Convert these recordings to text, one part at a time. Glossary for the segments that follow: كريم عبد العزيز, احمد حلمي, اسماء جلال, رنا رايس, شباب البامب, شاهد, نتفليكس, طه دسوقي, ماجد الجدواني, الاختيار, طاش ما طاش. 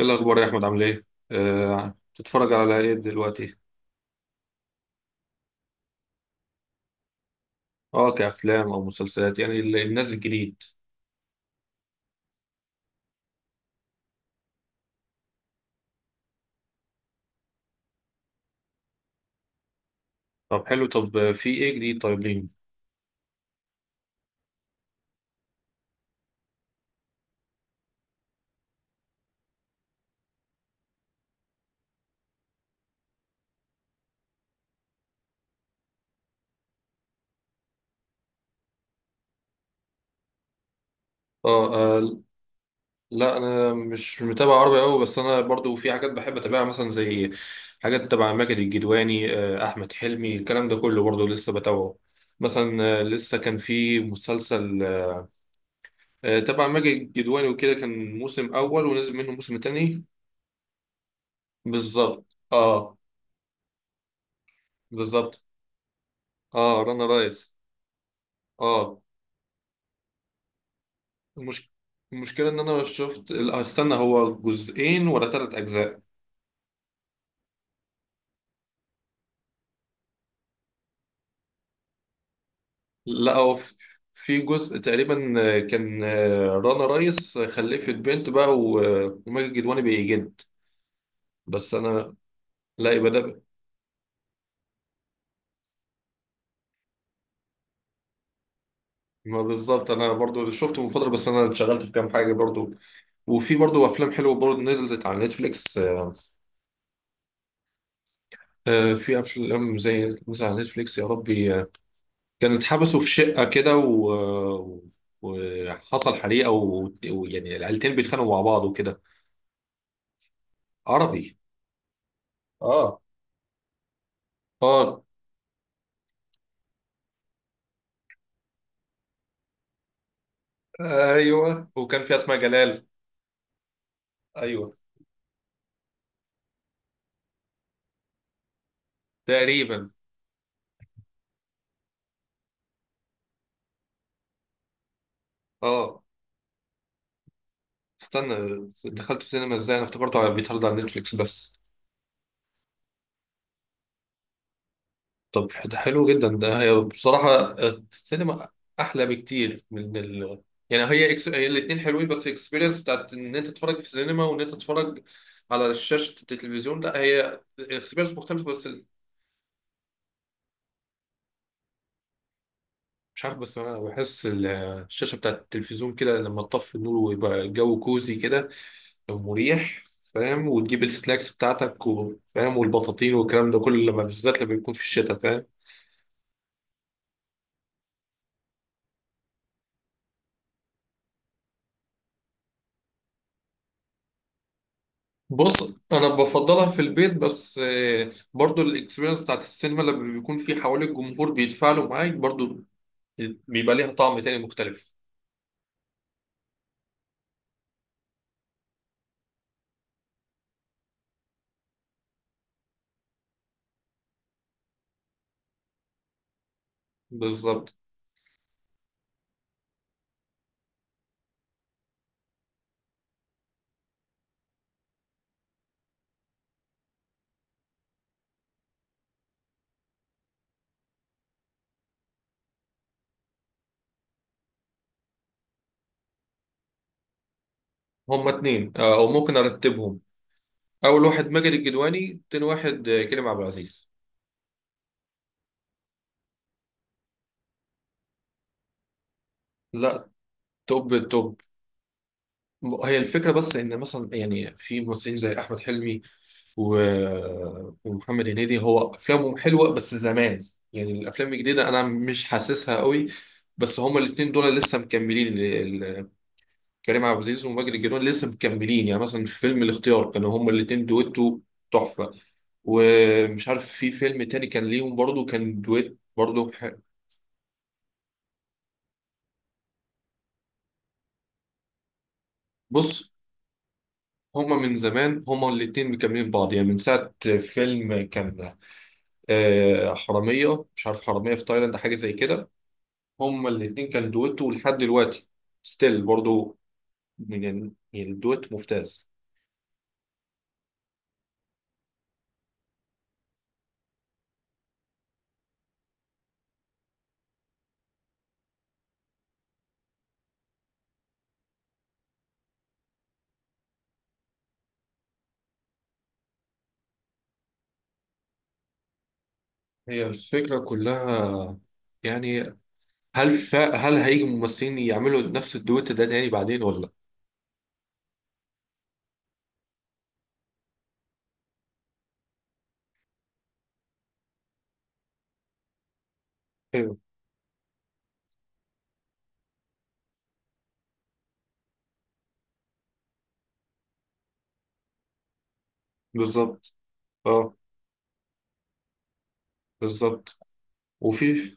ايه الاخبار يا احمد؟ عامل ايه؟ تتفرج على ايه دلوقتي؟ اه، كافلام او مسلسلات، يعني الناس الجديد. طب حلو. طب في ايه جديد؟ طيب ليه؟ اه. لا انا مش متابع عربي قوي، بس انا برضو في حاجات بحب اتابعها، مثلا زي حاجات تبع ماجد الجدواني. احمد حلمي الكلام ده كله برضو لسه بتابعه. مثلا لسه كان في مسلسل تبع ماجد الجدواني وكده، كان موسم اول ونزل منه موسم تاني. بالظبط اه. بالظبط. اه، رنا رايس. اه. المش... المشكلة ان انا شفت، لا، استنى، هو جزئين ولا ثلاث اجزاء؟ لا هو في. في جزء تقريبا. كان. رنا رايس خلفت بنت بقى، وماجد الكدواني بيجد. بس انا، لا يبقى ده. ما بالظبط، انا برضو شفته من فترة، بس انا اتشغلت في كام حاجة برضو. وفي برضو افلام حلوة برضو نزلت على نتفليكس. في افلام زي مثلا على نتفليكس، يا ربي. كانوا اتحبسوا في شقة كده، و... وحصل حريقة، و... ويعني العيلتين بيتخانقوا مع بعض وكده. عربي. اه. اه. ايوه، وكان في اسماء جلال. ايوه. تقريبا. اه. استنى، دخلت سينما ازاي؟ انا افتكرته بيتعرض على نتفليكس بس. طب ده حلو جدا. ده هي بصراحة السينما أحلى بكتير من يعني هي هي الاتنين حلوين، بس الاكسبيرينس بتاعت إن أنت تتفرج في السينما، وإن أنت تتفرج على شاشة التلفزيون، لا هي اكسبيرينس مختلفة، بس مش عارف. بس أنا بحس الشاشة بتاعت التلفزيون كده لما تطفي النور ويبقى الجو كوزي كده، مريح. فاهم؟ وتجيب السناكس بتاعتك، وفاهم، والبطاطين والكلام ده كله، لما بالذات لما يكون في الشتاء، فاهم. بص انا بفضلها في البيت، بس برضو الاكسبيرينس بتاعت السينما لما بيكون في حوالي الجمهور بيتفاعلوا معاك برضو، بيبقى ليها طعم تاني مختلف. بالظبط. هما اتنين، او ممكن ارتبهم. اول واحد ماجد الجدواني، تاني واحد كريم عبد العزيز. لا. توب توب. هي الفكرة بس ان مثلا يعني في ممثلين زي احمد حلمي ومحمد هنيدي، هو افلامهم حلوه بس زمان. يعني الافلام الجديده انا مش حاسسها قوي. بس هما الاثنين دول لسه مكملين ال- كريم عبد العزيز وماجد الجنون لسه مكملين. يعني مثلا في فيلم الاختيار كانوا هما الاثنين دويتو، تحفه. ومش عارف في فيلم تاني كان ليهم برضو، كان دويت برضو بص هما من زمان، هما الاتنين مكملين بعض. يعني من ساعة فيلم كان حرامية، مش عارف، حرامية في تايلاند، حاجة زي كده. هما الاتنين كان دويتو لحد دلوقتي ستيل برضو. يعني يعني الدويت ممتاز. هي الفكرة كلها. يعني هل هيجي ممثلين يعملوا نفس الدويت ده تاني بعدين ولا لا؟ ايوه. بالظبط اه. بالظبط. وفي.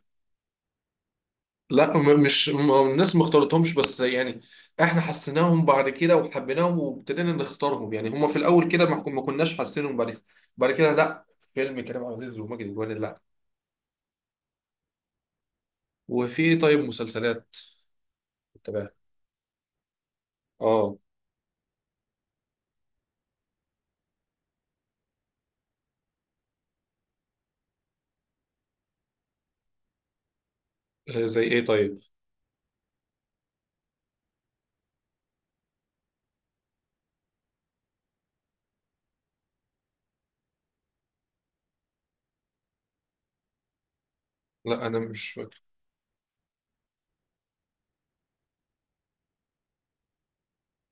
لا مش الناس ما اختارتهمش، بس يعني احنا حسيناهم بعد كده وحبيناهم وابتدينا نختارهم. يعني هما في الاول كده ما كناش حاسينهم. بعد كده. بعد كده لا، فيلم كريم عبد العزيز وماجد الكدواني لا. وفي طيب مسلسلات. اه. زي ايه طيب؟ لا انا مش فاكر.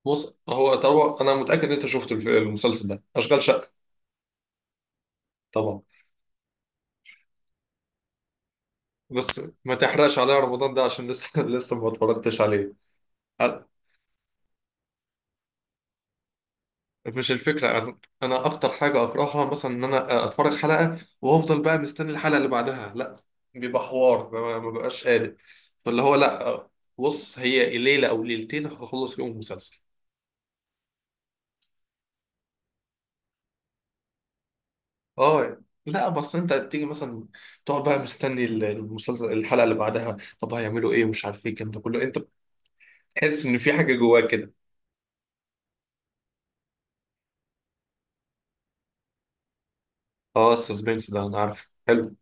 بص هو طبعا انا متاكد ان انت شفت المسلسل ده اشغال شقه طبعا. بس ما تحرقش عليا رمضان ده عشان لسه لسه ما اتفرجتش عليه. أ- مش الفكره. انا، أنا اكتر حاجه اكرهها مثلا ان انا اتفرج حلقه وافضل بقى مستني الحلقه اللي بعدها، لا بيبقى حوار ما بقاش قادر. فاللي هو لا، بص هي ليله او ليلتين هخلص فيهم المسلسل. اه لا، بس انت بتيجي مثلا تقعد بقى مستني المسلسل الحلقه اللي بعدها، طب هيعملوا ايه، مش عارف ايه، الكلام ده كله، انت بتحس ان في حاجه جواك كده. اه السسبنس ده انا عارفه، حلو.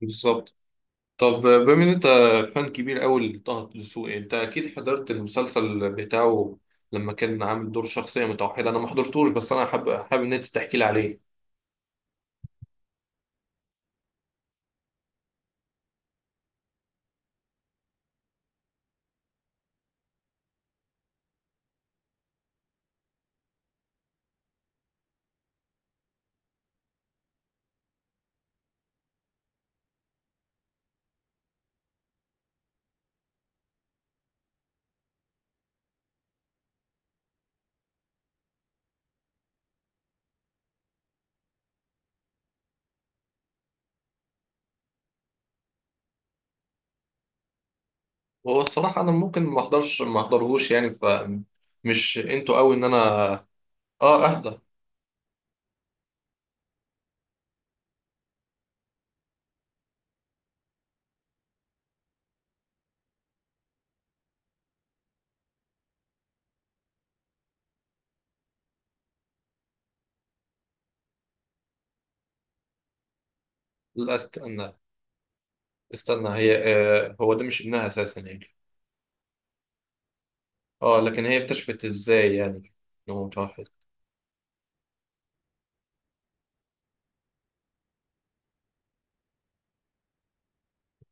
بالظبط. طب بما ان انت فان كبير قوي لطه دسوقي، انت اكيد حضرت المسلسل بتاعه لما كان عامل دور شخصيه متوحده. انا ما حضرتوش، بس انا حابب حابب ان انت تحكي لي عليه. هو الصراحه انا ممكن ما احضرش، ما احضرهوش يعني، فمش انتوا قوي ان انا اه اهدى. لا استنى استنى، هي هو ده مش ابنها اساسا يعني. اه لكن هي اكتشفت ازاي يعني انه متوحد؟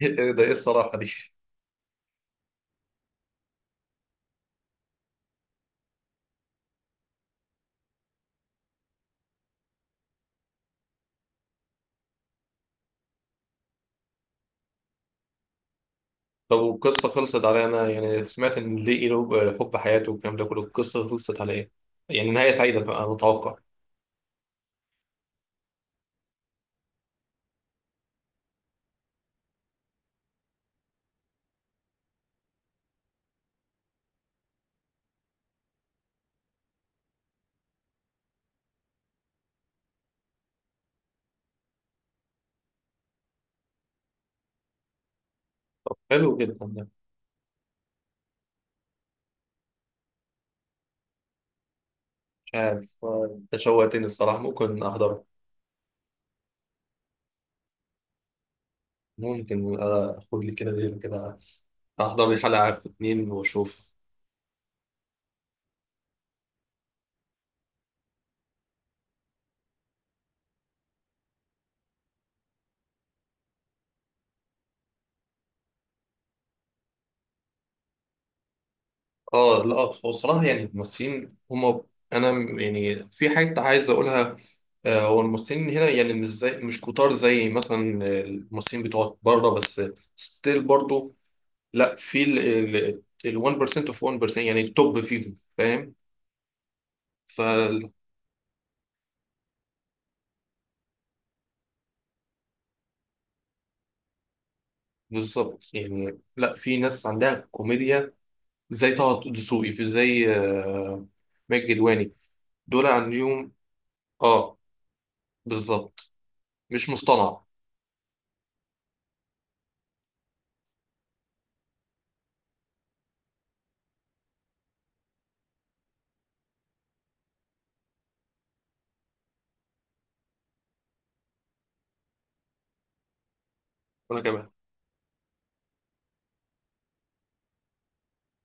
إيه ده، ايه الصراحه دي؟ لو القصه خلصت على إيه؟ انا يعني سمعت ان ليه له حب حياته والكلام ده كله، القصه خلصت على ايه؟ يعني نهايه سعيده، فأنا متوقع. حلو جدا ده. مش عارف، انت شوقتني الصراحه، ممكن احضره. ممكن اخد لي كده ليله كده، احضر لي حلقه في اتنين واشوف. اه لا، هو صراحة يعني الممثلين هما، انا يعني في حاجة عايز اقولها. هو الممثلين هنا يعني مش زي، مش كتار زي مثلا الممثلين بتوع بره، بس ستيل برضو. لا في ال 1% اوف 1% يعني التوب فيهم، فاهم. ف بالظبط. يعني لا، في ناس عندها كوميديا زي طه دسوقي، في زي ماجد الكدواني. دول عندهم اه بالظبط. مش مصطنع. ولا كمان